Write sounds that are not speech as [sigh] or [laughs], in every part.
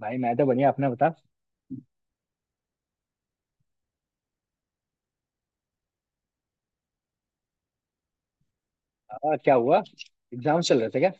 भाई मैं तो बढ़िया अपना बता। क्या हुआ? एग्जाम चल रहे थे क्या?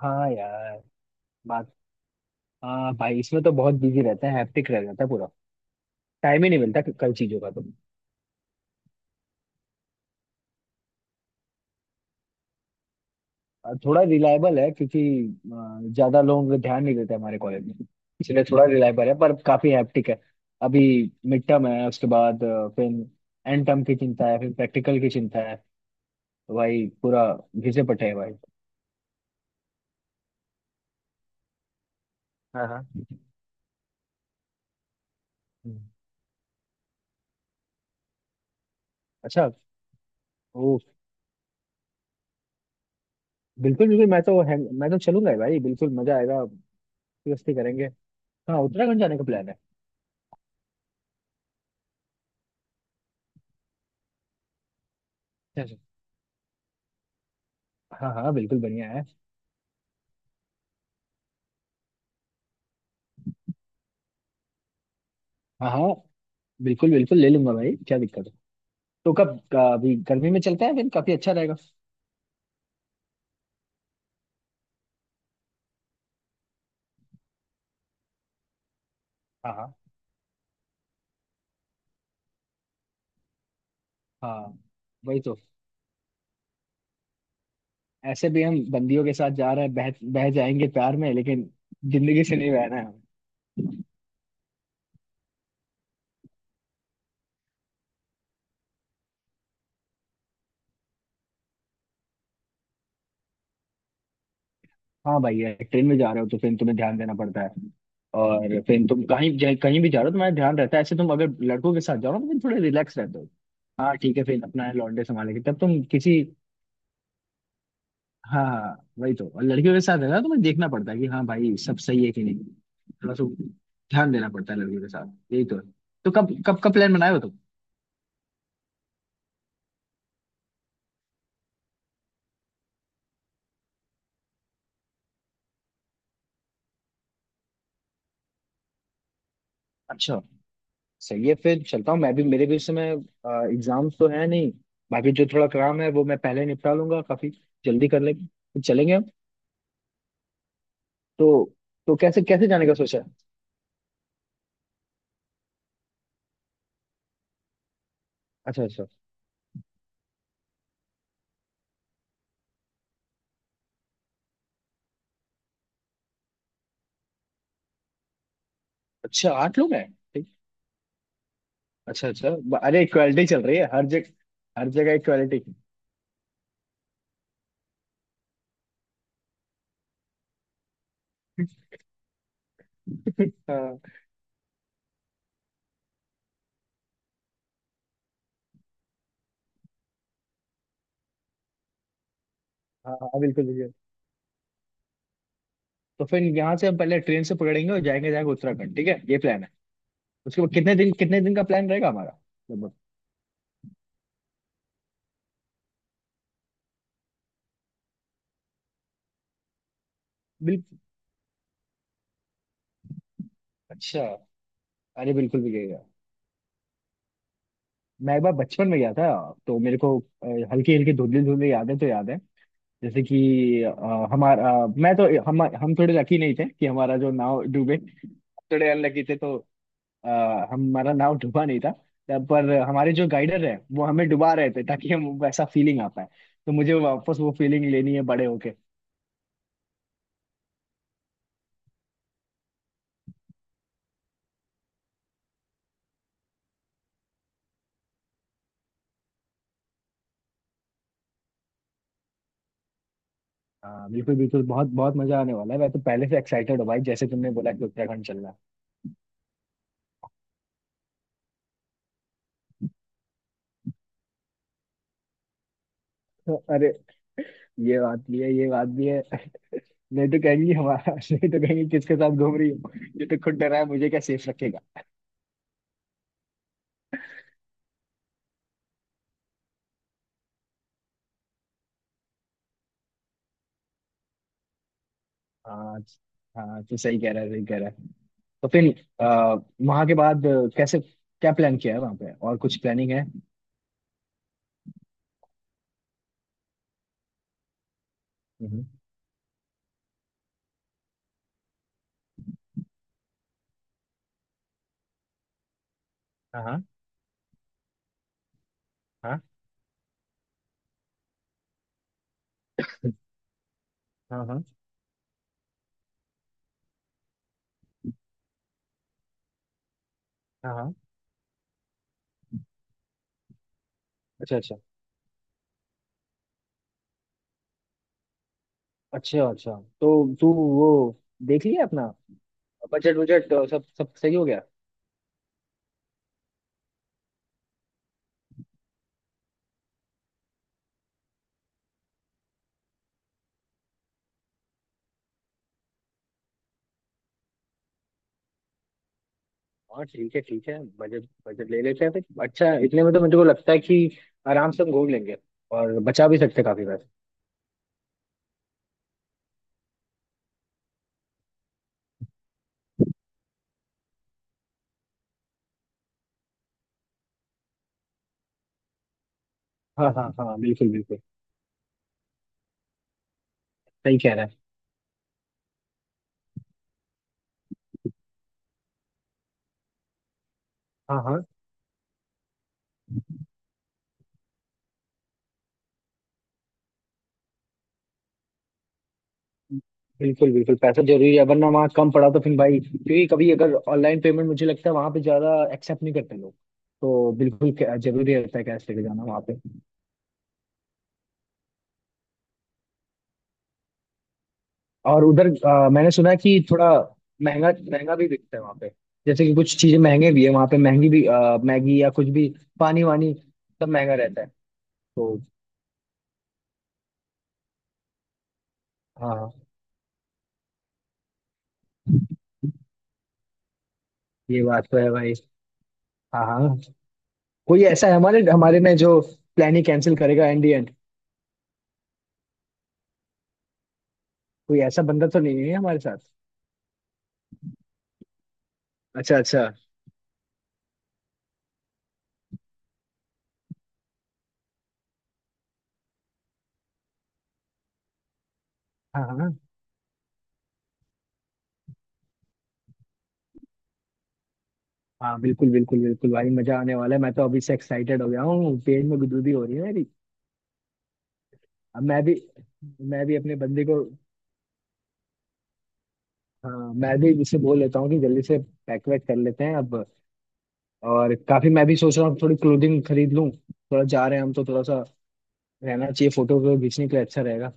हाँ यार, बात। हाँ भाई, इसमें तो बहुत बिजी रहते हैं, हैप्टिक रह जाता है पूरा, टाइम ही नहीं मिलता कई चीजों का तो। और थोड़ा रिलायबल है क्योंकि ज्यादा लोग ध्यान नहीं देते हमारे कॉलेज में। इसलिए थोड़ा रिलायबल है पर काफी हैप्टिक है। अभी मिड टर्म है, उसके बाद फिर एंड टर्म की चिंता है, फिर प्रैक्टिकल की चिंता है। तो भाई पूरा घिसे पटे है भाई। हाँ हाँ। हम्म। अच्छा। वो बिल्कुल बिल्कुल, मैं तो चलूंगा ही भाई, बिल्कुल मजा आएगा। मस्ती करेंगे। हाँ, उत्तराखंड जाने का प्लान है। जैसे, हाँ हाँ बिल्कुल बढ़िया है। हाँ हाँ बिल्कुल बिल्कुल ले लूंगा भाई, क्या दिक्कत है। तो अभी गर्मी में चलते हैं, फिर काफी अच्छा रहेगा। हाँ हाँ। हाँ, वही तो। ऐसे भी हम बंदियों के साथ जा रहे हैं, बह बह जाएंगे प्यार में, लेकिन जिंदगी से नहीं बहना है हमें। हाँ भाई है, ट्रेन में जा रहे हो तो फिर तुम्हें ध्यान देना पड़ता है। और फिर तुम कहीं भी जा रहे हो तुम्हारा ध्यान रहता है, ऐसे तुम अगर लड़कों के साथ जाओ ना तो फिर थोड़े रिलैक्स रहते हो। हाँ ठीक है, फिर अपना लौंडे संभालेंगे तब तुम किसी। हाँ वही तो, और लड़कियों के साथ है ना तो मैं देखना पड़ता है कि हाँ भाई सब सही है कि नहीं। थोड़ा सा ध्यान देना पड़ता है लड़कियों के साथ, यही तो है। तो कब कब का प्लान बनाए हो तुम? अच्छा, सही है, फिर चलता हूँ मैं भी, मेरे भी इस समय एग्जाम्स तो है नहीं। बाकी जो थोड़ा काम है वो मैं पहले निपटा लूंगा, काफी जल्दी कर लेंगे तो चलेंगे हम। तो तो कैसे कैसे जाने का सोचा है? अच्छा अच्छा। अच्छा, आठ लोग हैं। ठीक। अच्छा अच्छा, अरे इक्वालिटी चल रही है हर जगह। हर जगह इक्वालिटी। [laughs] हाँ हाँ हाँ, बिल्कुल। तो फिर यहाँ से हम पहले ट्रेन से पकड़ेंगे और जाएंगे जाएंगे उत्तराखंड, ठीक है, ये प्लान है। उसके बाद कितने दिन का प्लान रहेगा हमारा, लगभग? बिल्कुल। अच्छा, अरे बिल्कुल भी गएगा। मैं एक बार बचपन में गया था, तो मेरे को हल्की हल्की धुंधली धुंधली यादें तो याद है। जैसे कि हमारा, मैं तो हम थोड़े लकी नहीं थे कि हमारा जो नाव डूबे, थोड़े अनलकी थे तो, अ, हमारा नाव डूबा नहीं था, तब पर हमारे जो गाइडर है वो हमें डुबा रहे थे ताकि हम वैसा फीलिंग आ पाए। तो मुझे वापस वो फीलिंग लेनी है बड़े होके। हाँ बिल्कुल बिल्कुल, बहुत बहुत मजा आने वाला है, मैं तो पहले से एक्साइटेड हूँ भाई, जैसे तुमने बोला कि उत्तराखंड चलना है। तो अरे ये बात भी है ये बात भी है। नहीं तो कहेंगी हमारा। [laughs] नहीं तो कहेंगी किसके साथ घूम रही हो, ये तो खुद डरा है मुझे क्या सेफ रखेगा। हाँ हाँ, तो सही कह रहा है सही कह रहा है। तो फिर आ, वहां के बाद कैसे, क्या प्लान किया है वहां पे और कुछ प्लानिंग है? हम्म। हाँ हाँ हाँ हाँ हाँ हाँ हाँ। अच्छा अच्छा अच्छा अच्छा। तो तू वो देख लिया अपना, बजट बजट सब सब सही हो गया? हाँ ठीक है ठीक है, बजट बजट ले लेते हैं फिर, अच्छा, इतने में तो मुझे को लगता है कि आराम से हम घूम लेंगे और बचा भी सकते हैं काफी पैसे। हाँ हाँ हाँ बिल्कुल बिल्कुल। सही कह रहा है। हाँ हाँ बिल्कुल बिल्कुल, पैसा जरूरी है, वरना वहाँ कम पड़ा तो फिर भाई, क्योंकि कभी अगर ऑनलाइन पेमेंट, मुझे लगता है वहाँ पे ज्यादा एक्सेप्ट नहीं करते लोग। तो बिल्कुल जरूरी रहता है कैश लेके जाना वहाँ पे। और उधर मैंने सुना है कि थोड़ा महंगा महंगा भी बिकता है वहां पे, जैसे कि कुछ चीजें महंगे भी है वहां पे महंगी भी, मैगी या कुछ भी, पानी वानी सब महंगा रहता है। तो हाँ, ये बात तो है भाई। हाँ हाँ। कोई ऐसा है हमारे हमारे में जो प्लान ही कैंसिल करेगा, एंड एंड? कोई ऐसा बंदा तो नहीं है हमारे साथ? अच्छा अच्छा। हाँ हाँ हाँ बिल्कुल बिल्कुल बिल्कुल भाई, मजा आने वाला है, मैं तो अभी से एक्साइटेड हो गया हूँ, पेट में गुदगुदी हो रही है मेरी। अब मैं भी, मैं भी अपने बंदे को, हाँ मैं भी इसे बोल लेता हूँ कि जल्दी से पैक वैक कर लेते हैं अब। और काफी मैं भी सोच रहा हूँ थोड़ी क्लोथिंग खरीद लूँ, थोड़ा जा रहे हैं हम तो थोड़ा सा रहना चाहिए, फोटो वोटो खींचने के लिए अच्छा रहेगा।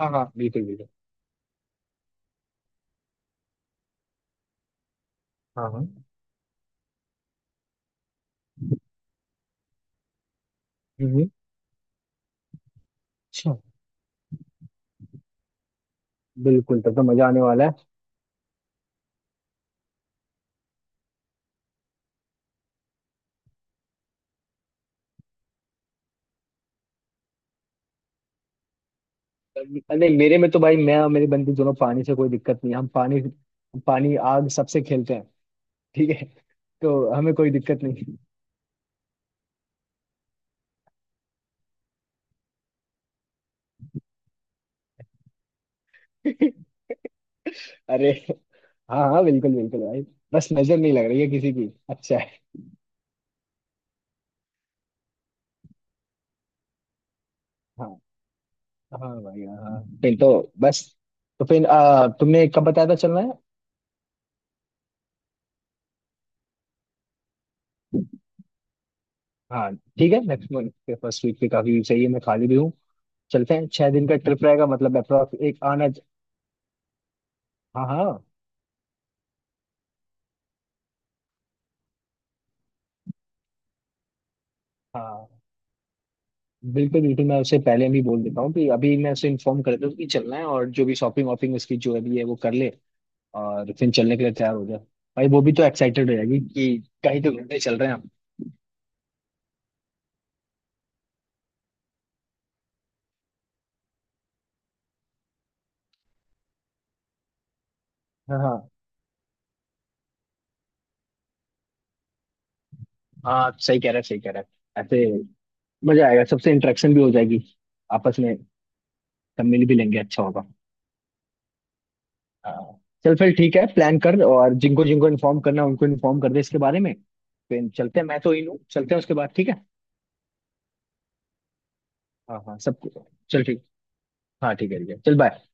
हाँ हाँ बिल्कुल बिल्कुल। हाँ हाँ। हम्म। अच्छा, बिल्कुल तब तो मजा आने वाला है। नहीं, मेरे में तो भाई, मैं और मेरी बंदी दोनों पानी से कोई दिक्कत नहीं है। हम पानी, पानी आग सबसे खेलते हैं। ठीक है, तो हमें कोई दिक्कत नहीं। [laughs] अरे, हाँ हाँ बिल्कुल बिल्कुल भाई, बस नजर नहीं लग रही है किसी की, अच्छा है। हाँ भाई, हाँ, फिर तो बस। तो फिर तुमने कब बताया था चलना है? हाँ ठीक है, नेक्स्ट मंथ के फर्स्ट वीक पे काफी सही है, मैं खाली भी हूँ, चलते हैं। 6 दिन का ट्रिप रहेगा मतलब, अप्रॉक्स, एक आना। हाँ हाँ हाँ बिल्कुल बिल्कुल, मैं उसे पहले भी बोल देता हूँ कि अभी मैं उसे इन्फॉर्म कर दूँ कि चलना है, और जो भी शॉपिंग वॉपिंग उसकी जो अभी है वो कर ले और फिर चलने के लिए तैयार हो जाए। भाई वो भी तो एक्साइटेड हो जाएगी कि कहीं तो घूमने चल रहे हैं हम। हाँ हाँ हाँ, सही कह रहा है सही कह रहा है, ऐसे मजा आएगा, सबसे इंटरेक्शन भी हो जाएगी आपस में। सब मिल भी लेंगे, अच्छा होगा। हाँ। चल फिर, ठीक है, प्लान कर और जिनको जिनको इन्फॉर्म करना है उनको इन्फॉर्म कर दे इसके बारे में। फिर चलते हैं, मैं तो इन हूँ, चलते हैं उसके बाद, ठीक है। हाँ हाँ सब। चल ठीक। हाँ ठीक है ठीक है, चल, बाय।